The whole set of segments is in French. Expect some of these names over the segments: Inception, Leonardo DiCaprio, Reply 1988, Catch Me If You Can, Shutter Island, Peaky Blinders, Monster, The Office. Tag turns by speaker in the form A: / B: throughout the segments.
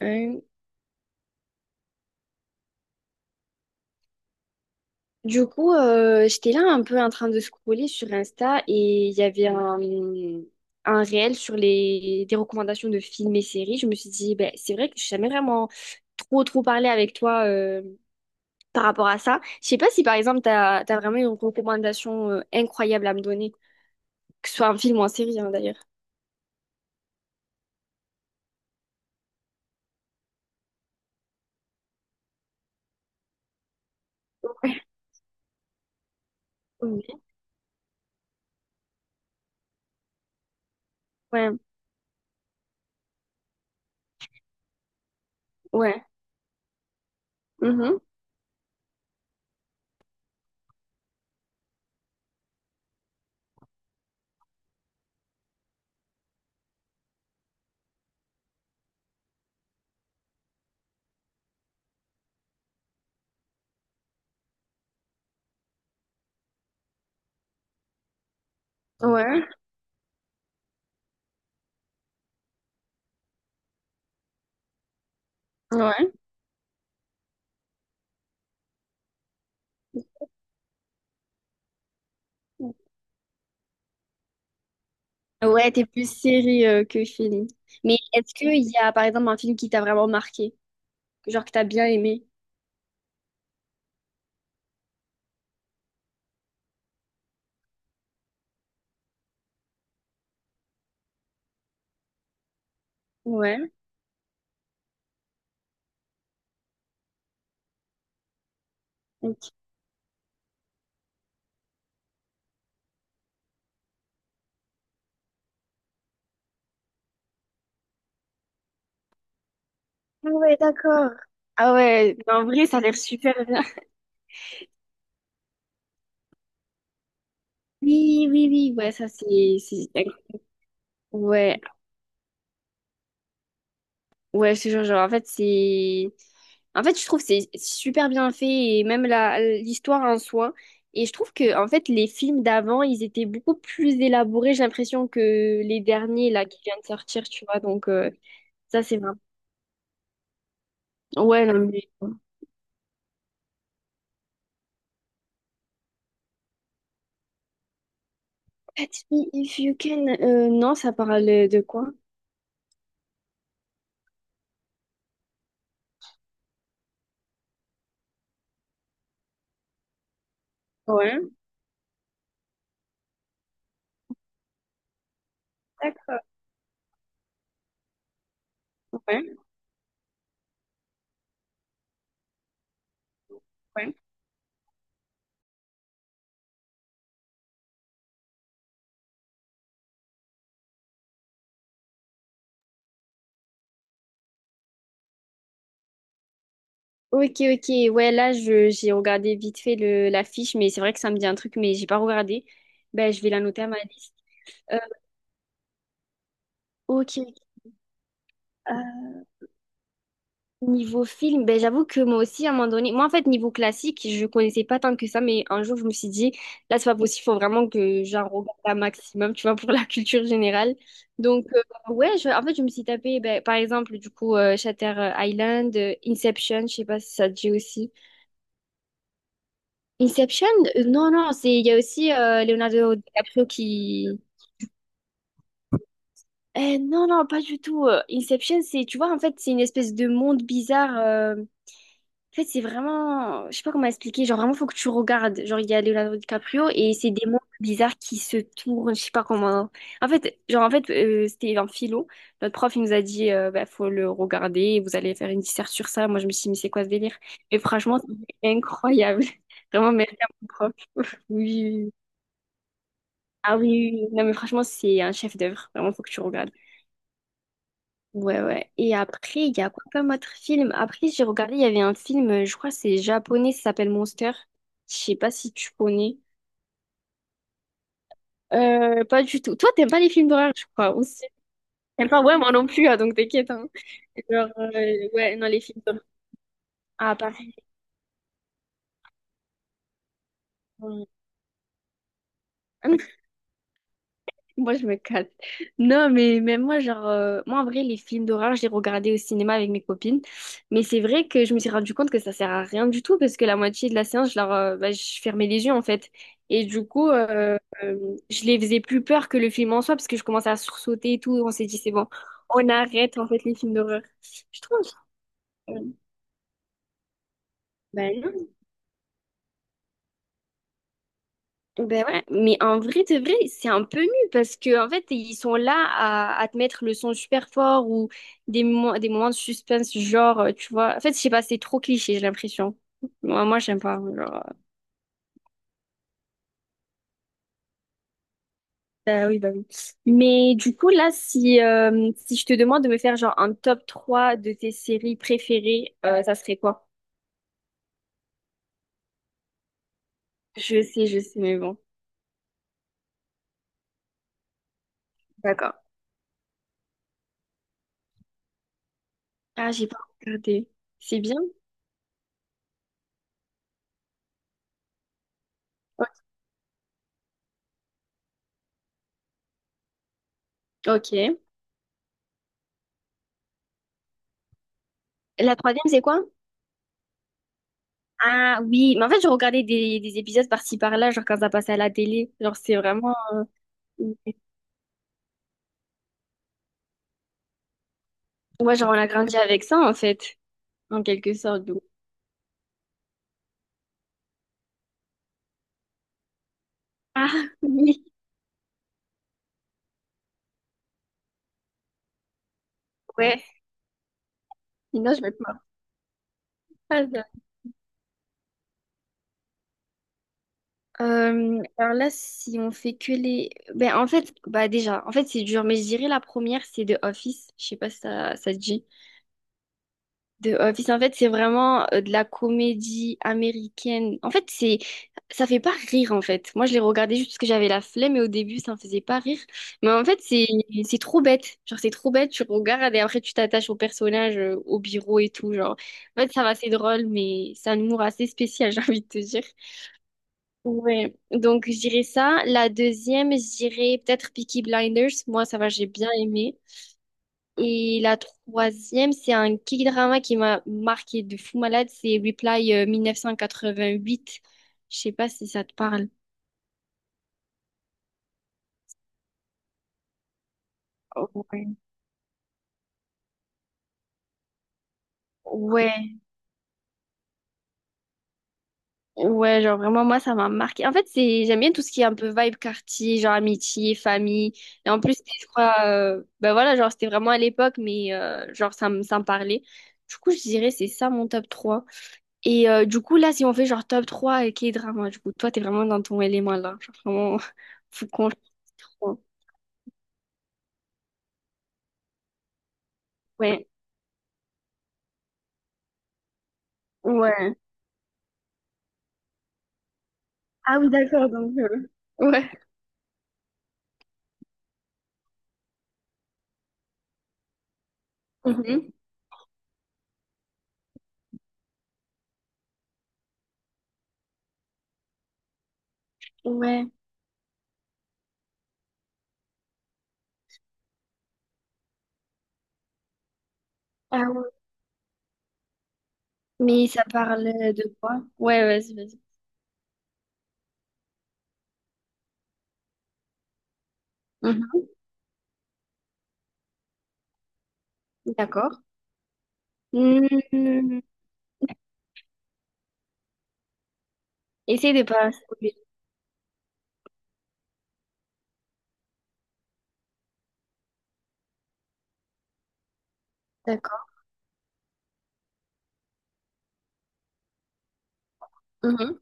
A: Euh, du coup, j'étais là un peu en train de scroller sur Insta et il y avait un réel sur des recommandations de films et séries. Je me suis dit, ben, c'est vrai que je n'ai jamais vraiment trop parlé avec toi par rapport à ça. Je sais pas si, par exemple, tu as, vraiment une recommandation incroyable à me donner, que ce soit un film ou en série, hein, d'ailleurs. Oui. Ouais, ouais. Mhm. Ouais, ouais. Ouais, t'es plus série que film. Mais est-ce qu'il y a, par exemple, un film qui t'a vraiment marqué? Genre que t'as bien aimé. Ouais. Ok. Ouais, d'accord. Ah ouais, en vrai, ça a l'air super bien. Oui, oui, oui, ouais, ça c'est... Ouais, ouais, je te jure, genre, en fait, c'est... En fait, je trouve que c'est super bien fait et même la l'histoire en soi. Et je trouve que en fait les films d'avant, ils étaient beaucoup plus élaborés, j'ai l'impression que les derniers là qui viennent de sortir, tu vois. Donc ça c'est vrai. Ouais, non mais Catch Me If You Can. Non, ça parle de quoi? Ouais, d'accord. Ouais. Ouais. Ok, ok. Ouais, là, j'ai regardé vite fait l'affiche, mais c'est vrai que ça me dit un truc, mais j'ai pas regardé. Ben, je vais la noter à ma liste. Euh, ok. Euh, Niveau film, ben, j'avoue que moi aussi, à un moment donné, moi, en fait, niveau classique, je connaissais pas tant que ça, mais un jour, je me suis dit, là, c'est pas possible, faut vraiment que j'en regarde un maximum, tu vois, pour la culture générale. Donc, ouais, en fait, je me suis tapé, ben, par exemple, du coup, Shutter Island, Inception, je sais pas si ça te dit aussi. Inception? Non, non, c'est il y a aussi Leonardo DiCaprio qui... Non, non, pas du tout. Inception, c'est, tu vois, en fait, c'est une espèce de monde bizarre. En fait, c'est vraiment... Je sais pas comment expliquer. Genre, vraiment, faut que tu regardes. Genre, il y a Leonardo DiCaprio et c'est des mondes bizarres qui se tournent. Je sais pas comment... En fait, genre, en fait, c'était un philo. Notre prof, il nous a dit, bah, faut le regarder. Vous allez faire une dissert sur ça. Moi, je me suis dit, mais c'est quoi ce délire? Et franchement, c'est incroyable. Vraiment, merci à mon prof. Oui. Oui. Ah oui, oui, oui. Non mais franchement, c'est un chef-d'œuvre. Vraiment, faut que tu regardes. Ouais, ouais. Et après, il y a quoi comme autre film? Après, j'ai regardé, il y avait un film, je crois que c'est japonais, ça s'appelle Monster. Je sais pas si tu connais. Pas du tout. Toi, t'aimes pas les films d'horreur, je crois, aussi. T'aimes pas? Ouais, moi non plus, hein, donc t'inquiète. Hein. Genre, ouais, non, les films d'horreur. Ah, pareil. Ouais. Ah, mais moi, je me casse. Non, mais même moi, genre, moi, en vrai, les films d'horreur, je les regardais au cinéma avec mes copines. Mais c'est vrai que je me suis rendu compte que ça sert à rien du tout parce que la moitié de la séance, je leur, bah, je fermais les yeux, en fait. Et du coup, je les faisais plus peur que le film en soi parce que je commençais à sursauter et tout. On s'est dit, c'est bon, on arrête, en fait, les films d'horreur. Je trouve. euh, bah, Ben ouais, mais en vrai, de vrai, c'est un peu nul parce que en fait, ils sont là à te mettre le son super fort ou des moments de suspense, genre, tu vois. En fait, je sais pas, c'est trop cliché, j'ai l'impression. Moi, j'aime pas. Bah oui, bah oui. Mais du coup, là, si, si je te demande de me faire genre un top 3 de tes séries préférées, ça serait quoi? Je sais, mais bon. D'accord. Ah, j'ai pas regardé. C'est bien? Ok. La troisième, c'est quoi? Ah oui, mais en fait, je regardais des épisodes par-ci par-là, genre quand ça passait à la télé. Genre, c'est vraiment. Ouais, genre, on a grandi avec ça, en fait, en quelque sorte. Donc. Ah oui, ouais. Sinon, je vais te marre pas. Alors là, si on fait que les. Ben, en fait, bah déjà, en fait, c'est dur, mais je dirais la première, c'est The Office. Je sais pas si ça, ça te dit. The Office, en fait, c'est vraiment de la comédie américaine. En fait, c'est, ça fait pas rire, en fait. Moi, je l'ai regardé juste parce que j'avais la flemme et au début, ça me faisait pas rire. Mais en fait, c'est trop bête. Genre, c'est trop bête. Tu regardes et après, tu t'attaches au personnage, au bureau et tout. Genre, en fait, ça va, c'est drôle, mais c'est un humour assez spécial, j'ai envie de te dire. Ouais. Donc, je dirais ça. La deuxième, je dirais peut-être Peaky Blinders. Moi, ça va, j'ai bien aimé. Et la troisième, c'est un K-drama qui m'a marqué de fou malade, c'est Reply 1988. Je sais pas si ça te parle. Ouais. Ouais, ouais, genre vraiment, moi, ça m'a marqué. En fait, c'est, j'aime bien tout ce qui est un peu vibe quartier, genre amitié, famille. Et en plus, je crois, ben voilà, genre, c'était vraiment à l'époque, mais genre, ça me parlait. Du coup, je dirais, c'est ça mon top 3. Et du coup, là, si on fait genre top 3 et K-drama, du coup, toi, t'es vraiment dans ton élément là. Genre, vraiment, faut qu'on. Ouais, ouais. Ah oui, d'accord, donc, ouais. Mhm. Ouais. Ah ouais. Mais ça parle de quoi? Ouais, vas-y, vas-y. Mhm. D'accord. Mhm. Essaye de pas spoiler. D'accord. Mhm.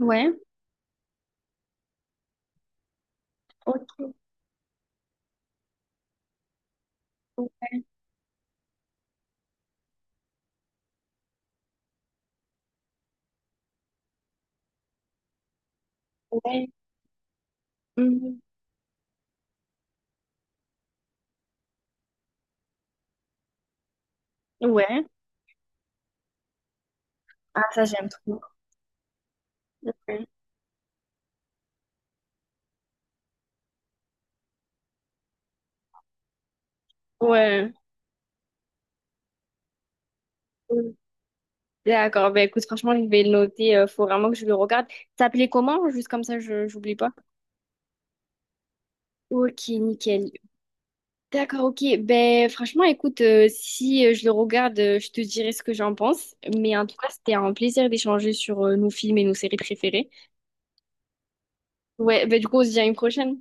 A: Ouais. Ok. Ouais. Mhm. Ouais. Ah, ça, j'aime trop. Ouais. Ouais. Mhm. D'accord. Ben, écoute, franchement, je vais le noter. Faut vraiment que je le regarde. T'appelais comment? Juste comme ça, je j'oublie pas. Ok, nickel. D'accord, ok. Ben, franchement, écoute, si je le regarde, je te dirai ce que j'en pense. Mais en tout cas, c'était un plaisir d'échanger sur nos films et nos séries préférées. Ouais, ben, du coup, on se dit à une prochaine.